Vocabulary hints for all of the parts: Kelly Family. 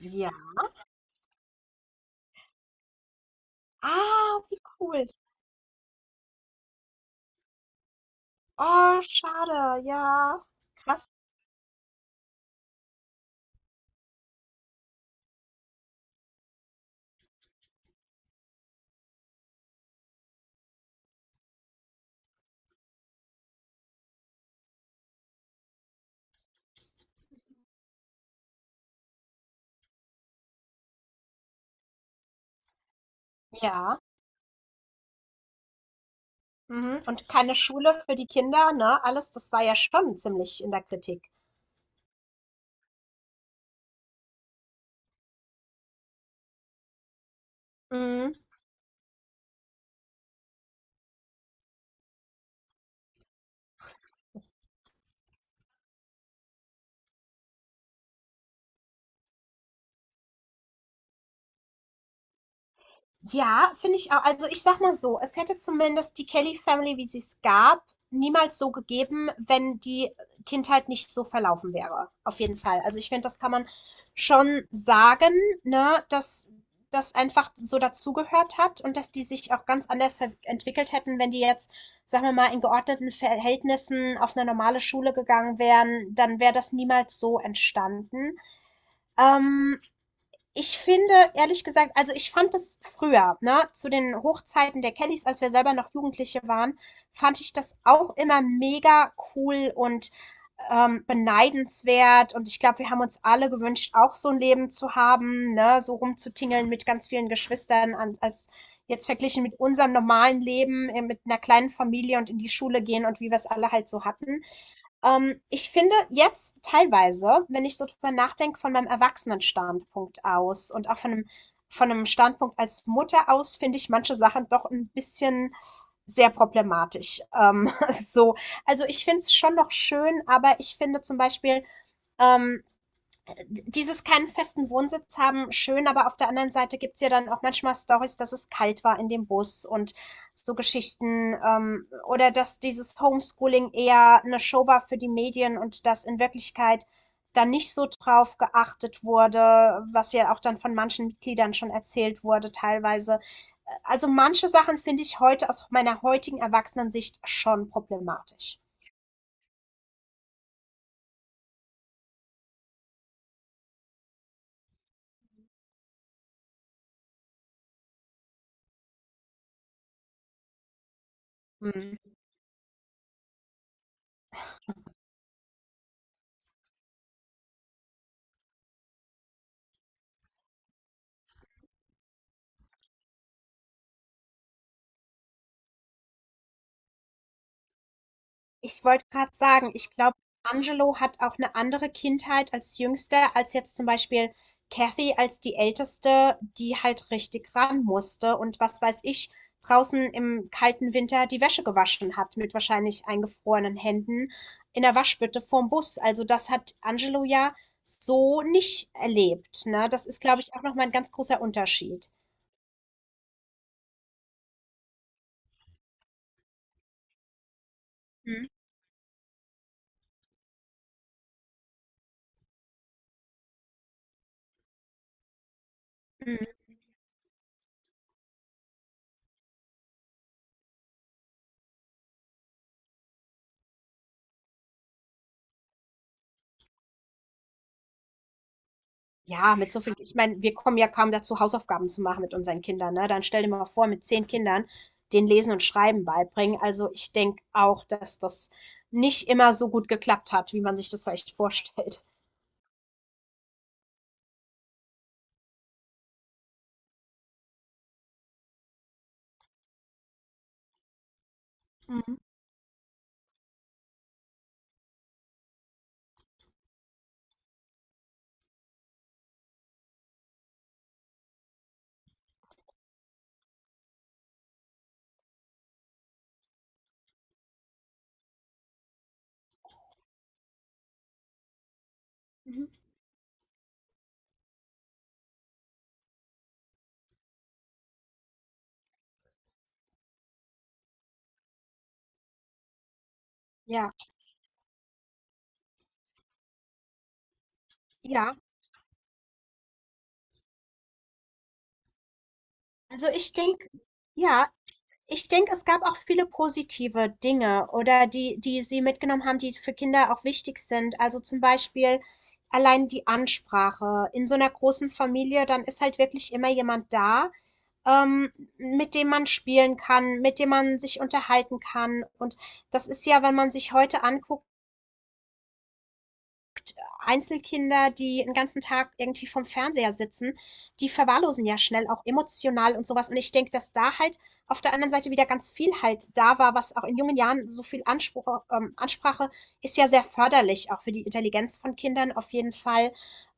Ja. Ah, wie cool. Oh, schade. Ja. Krass. Ja. Mhm. Und keine Schule für die Kinder, ne? Alles, das war ja schon ziemlich in der Kritik. Mhm. Ja, finde ich auch. Also ich sag mal so, es hätte zumindest die Kelly Family, wie sie es gab, niemals so gegeben, wenn die Kindheit nicht so verlaufen wäre. Auf jeden Fall. Also ich finde, das kann man schon sagen, ne, dass das einfach so dazugehört hat und dass die sich auch ganz anders entwickelt hätten, wenn die jetzt, sagen wir mal, in geordneten Verhältnissen auf eine normale Schule gegangen wären, dann wäre das niemals so entstanden. Ähm, Ich finde, ehrlich gesagt also, ich fand das früher, ne, zu den Hochzeiten der Kellys, als wir selber noch Jugendliche waren, fand ich das auch immer mega cool und, beneidenswert. Und ich glaube, wir haben uns alle gewünscht, auch so ein Leben zu haben, ne, so rumzutingeln mit ganz vielen Geschwistern an als jetzt verglichen mit unserem normalen Leben, mit einer kleinen Familie und in die Schule gehen und wie wir's alle halt so hatten. Ich finde jetzt teilweise, wenn ich so drüber nachdenke, von meinem Erwachsenenstandpunkt aus und auch von einem Standpunkt als Mutter aus, finde ich manche Sachen doch ein bisschen sehr problematisch. So, also ich finde es schon noch schön, aber ich finde zum Beispiel, ähm, dieses keinen festen Wohnsitz haben, schön, aber auf der anderen Seite gibt's ja dann auch manchmal Stories, dass es kalt war in dem Bus und so Geschichten oder dass dieses Homeschooling eher eine Show war für die Medien und dass in Wirklichkeit da nicht so drauf geachtet wurde, was ja auch dann von manchen Mitgliedern schon erzählt wurde teilweise. Also manche Sachen finde ich heute aus meiner heutigen Erwachsenensicht schon problematisch. Mhm. Ich wollte gerade sagen, ich glaube, Angelo hat auch eine andere Kindheit als Jüngster, als jetzt zum Beispiel Kathy als die Älteste, die halt richtig ran musste und was weiß ich, draußen im kalten Winter die Wäsche gewaschen hat mit wahrscheinlich eingefrorenen Händen in der Waschbütte vorm Bus. Also das hat Angelo ja so nicht erlebt, ne? Das ist, glaube ich, auch nochmal ein ganz großer Unterschied. Mhm. Ja, mit so viel, ich meine, wir kommen ja kaum dazu, Hausaufgaben zu machen mit unseren Kindern, ne? Dann stell dir mal vor, mit zehn Kindern den Lesen und Schreiben beibringen. Also ich denke auch, dass das nicht immer so gut geklappt hat, wie man sich das vielleicht vorstellt. Mhm. Mhm. Ja, ja. Also ich denke, ja, ich denke, es gab auch viele positive Dinge oder die, die sie mitgenommen haben, die für Kinder auch wichtig sind. Also zum Beispiel allein die Ansprache. In so einer großen Familie, dann ist halt wirklich immer jemand da, ähm, mit dem man spielen kann, mit dem man sich unterhalten kann. Und das ist ja, wenn man sich heute anguckt, Einzelkinder, die den ganzen Tag irgendwie vorm Fernseher sitzen, die verwahrlosen ja schnell auch emotional und sowas. Und ich denke, dass da halt auf der anderen Seite wieder ganz viel halt da war, was auch in jungen Jahren so viel Anspruch Ansprache ist ja sehr förderlich, auch für die Intelligenz von Kindern auf jeden Fall.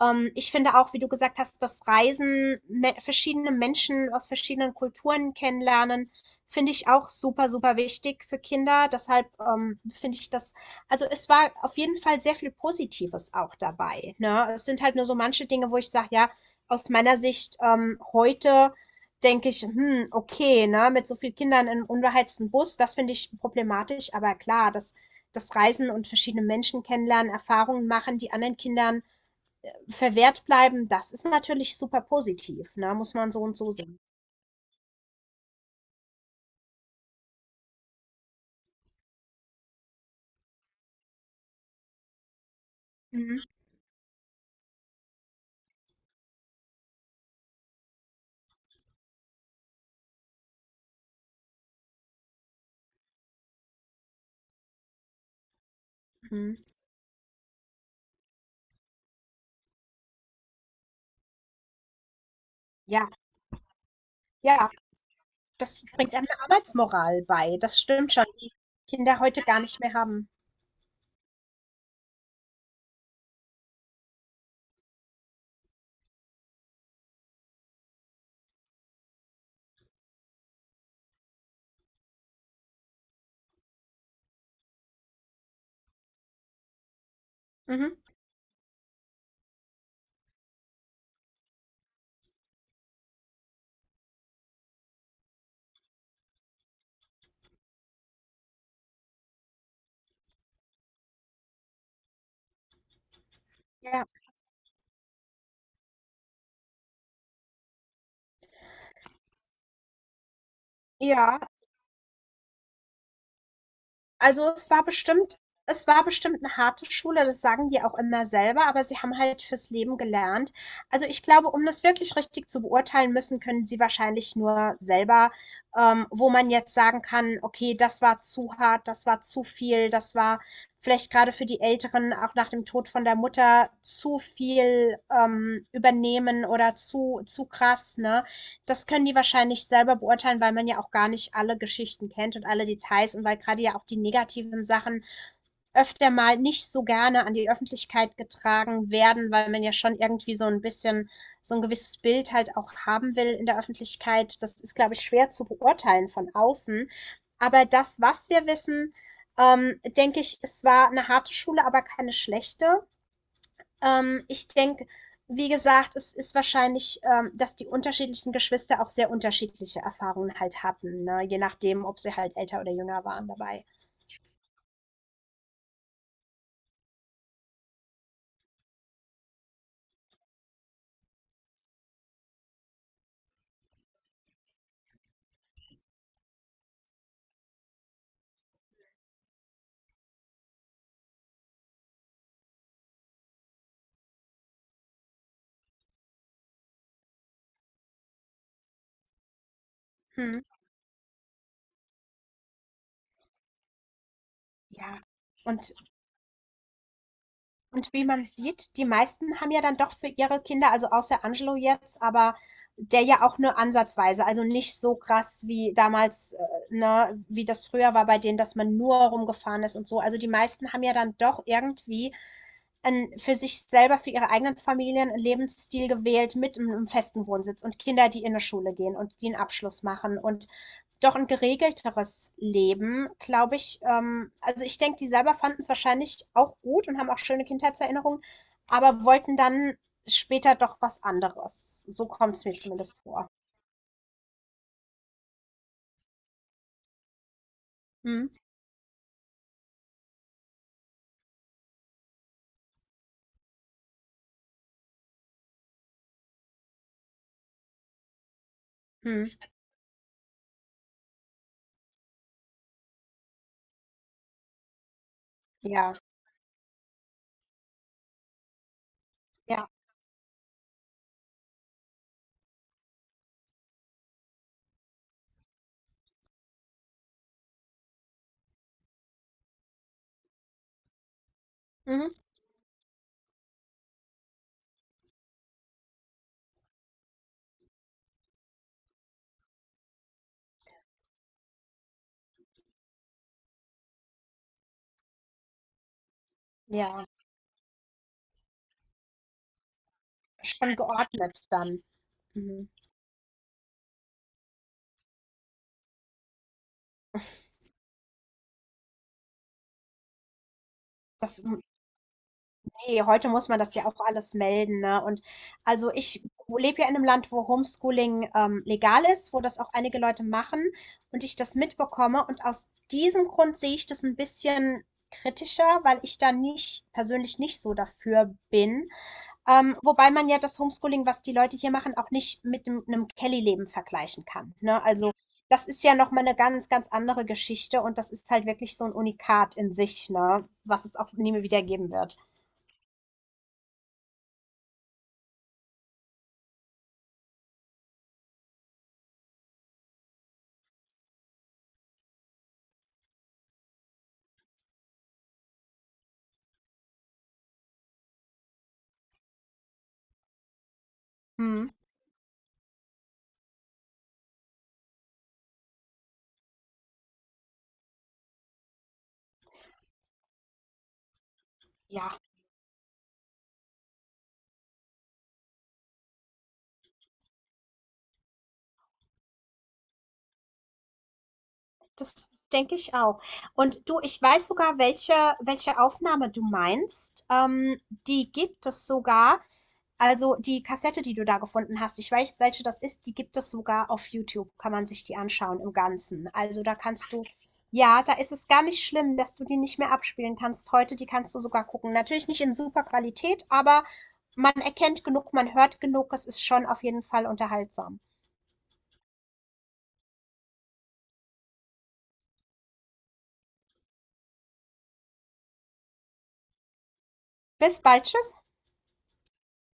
Ich finde auch, wie du gesagt hast, das Reisen, me verschiedene Menschen aus verschiedenen Kulturen kennenlernen, finde ich auch super, super wichtig für Kinder. Deshalb, finde ich das also, es war auf jeden Fall sehr viel Positives auch dabei, ne? Es sind halt nur so manche Dinge, wo ich sage, ja, aus meiner Sicht, heute denke ich: „Hm, okay, ne, mit so vielen Kindern in 'nem unbeheizten Bus, das finde ich problematisch.“ Aber klar, das das Reisen und verschiedene Menschen kennenlernen, Erfahrungen machen, die anderen Kindern verwehrt bleiben, das ist natürlich super positiv, ne? Muss man so und so sehen. Mhm, mhm. Ja, ja, das bringt einem 'ne Arbeitsmoral bei. Das stimmt schon, die Kinder heute gar nicht mehr haben. Mhm. Ja, ja. Also, es war bestimmt eine harte Schule, das sagen die auch immer selber, aber sie haben halt fürs Leben gelernt. Also, ich glaube, um das wirklich richtig zu beurteilen müssen, können sie wahrscheinlich nur selber, wo man jetzt sagen kann: „Okay, das war zu hart, das war zu viel, das war vielleicht gerade für die Älteren auch nach dem Tod von der Mutter zu viel, übernehmen oder zu krass“, ne? Das können die wahrscheinlich selber beurteilen, weil man ja auch gar nicht alle Geschichten kennt und alle Details und weil gerade ja auch die negativen Sachen öfter mal nicht so gerne an die Öffentlichkeit getragen werden, weil man ja schon irgendwie so ein bisschen so ein gewisses Bild halt auch haben will in der Öffentlichkeit. Das ist, glaube ich, schwer zu beurteilen von außen. Aber das, was wir wissen, denke ich, es war eine harte Schule, aber keine schlechte. Ich denke, wie gesagt, es ist wahrscheinlich, dass die unterschiedlichen Geschwister auch sehr unterschiedliche Erfahrungen halt hatten, ne? Je nachdem, ob sie halt älter oder jünger waren dabei. Mhm. Ja. Und und wie man sieht, die meisten haben ja dann doch für ihre Kinder, also außer Angelo jetzt, aber der ja auch nur ansatzweise, also nicht so krass wie damals, ne, wie das früher war bei denen, dass man nur rumgefahren ist und so. Also die meisten haben ja dann doch irgendwie für sich selber, für ihre eigenen Familien einen Lebensstil gewählt mit einem festen Wohnsitz und Kinder, die in eine Schule gehen und die einen Abschluss machen und doch ein geregelteres Leben, glaube ich, also, ich denke, die selber fanden es wahrscheinlich auch gut und haben auch schöne Kindheitserinnerungen, aber wollten dann später doch was anderes. So kommt es mir zumindest vor. Mhm, mhm, ja, ja, mhm, ja, schon geordnet dann. Mhm. Das heute muss man das ja auch alles melden, ne? Und also ich lebe ja in einem Land, wo Homeschooling legal ist, wo das auch einige Leute machen und ich das mitbekomme. Und aus diesem Grund sehe ich das ein bisschen kritischer, weil ich da nicht persönlich nicht so dafür bin. Wobei man ja das Homeschooling, was die Leute hier machen, auch nicht mit dem, einem Kelly-Leben vergleichen kann, ne? Also das ist ja nochmal eine ganz, ganz andere Geschichte und das ist halt wirklich so ein Unikat in sich, ne? Was es auch nie mehr wieder geben wird. Hm. Ja, das denke ich auch. Und du, ich weiß sogar, welche Aufnahme du meinst. Die gibt es sogar. Also die Kassette, die du da gefunden hast, ich weiß, welche das ist, die gibt es sogar auf YouTube. Kann man sich die anschauen im Ganzen. Also da kannst du, ja, da ist es gar nicht schlimm, dass du die nicht mehr abspielen kannst heute. Die kannst du sogar gucken. Natürlich nicht in super Qualität, aber man erkennt genug, man hört genug. Es ist schon auf jeden Fall unterhaltsam. Bis bald, tschüss.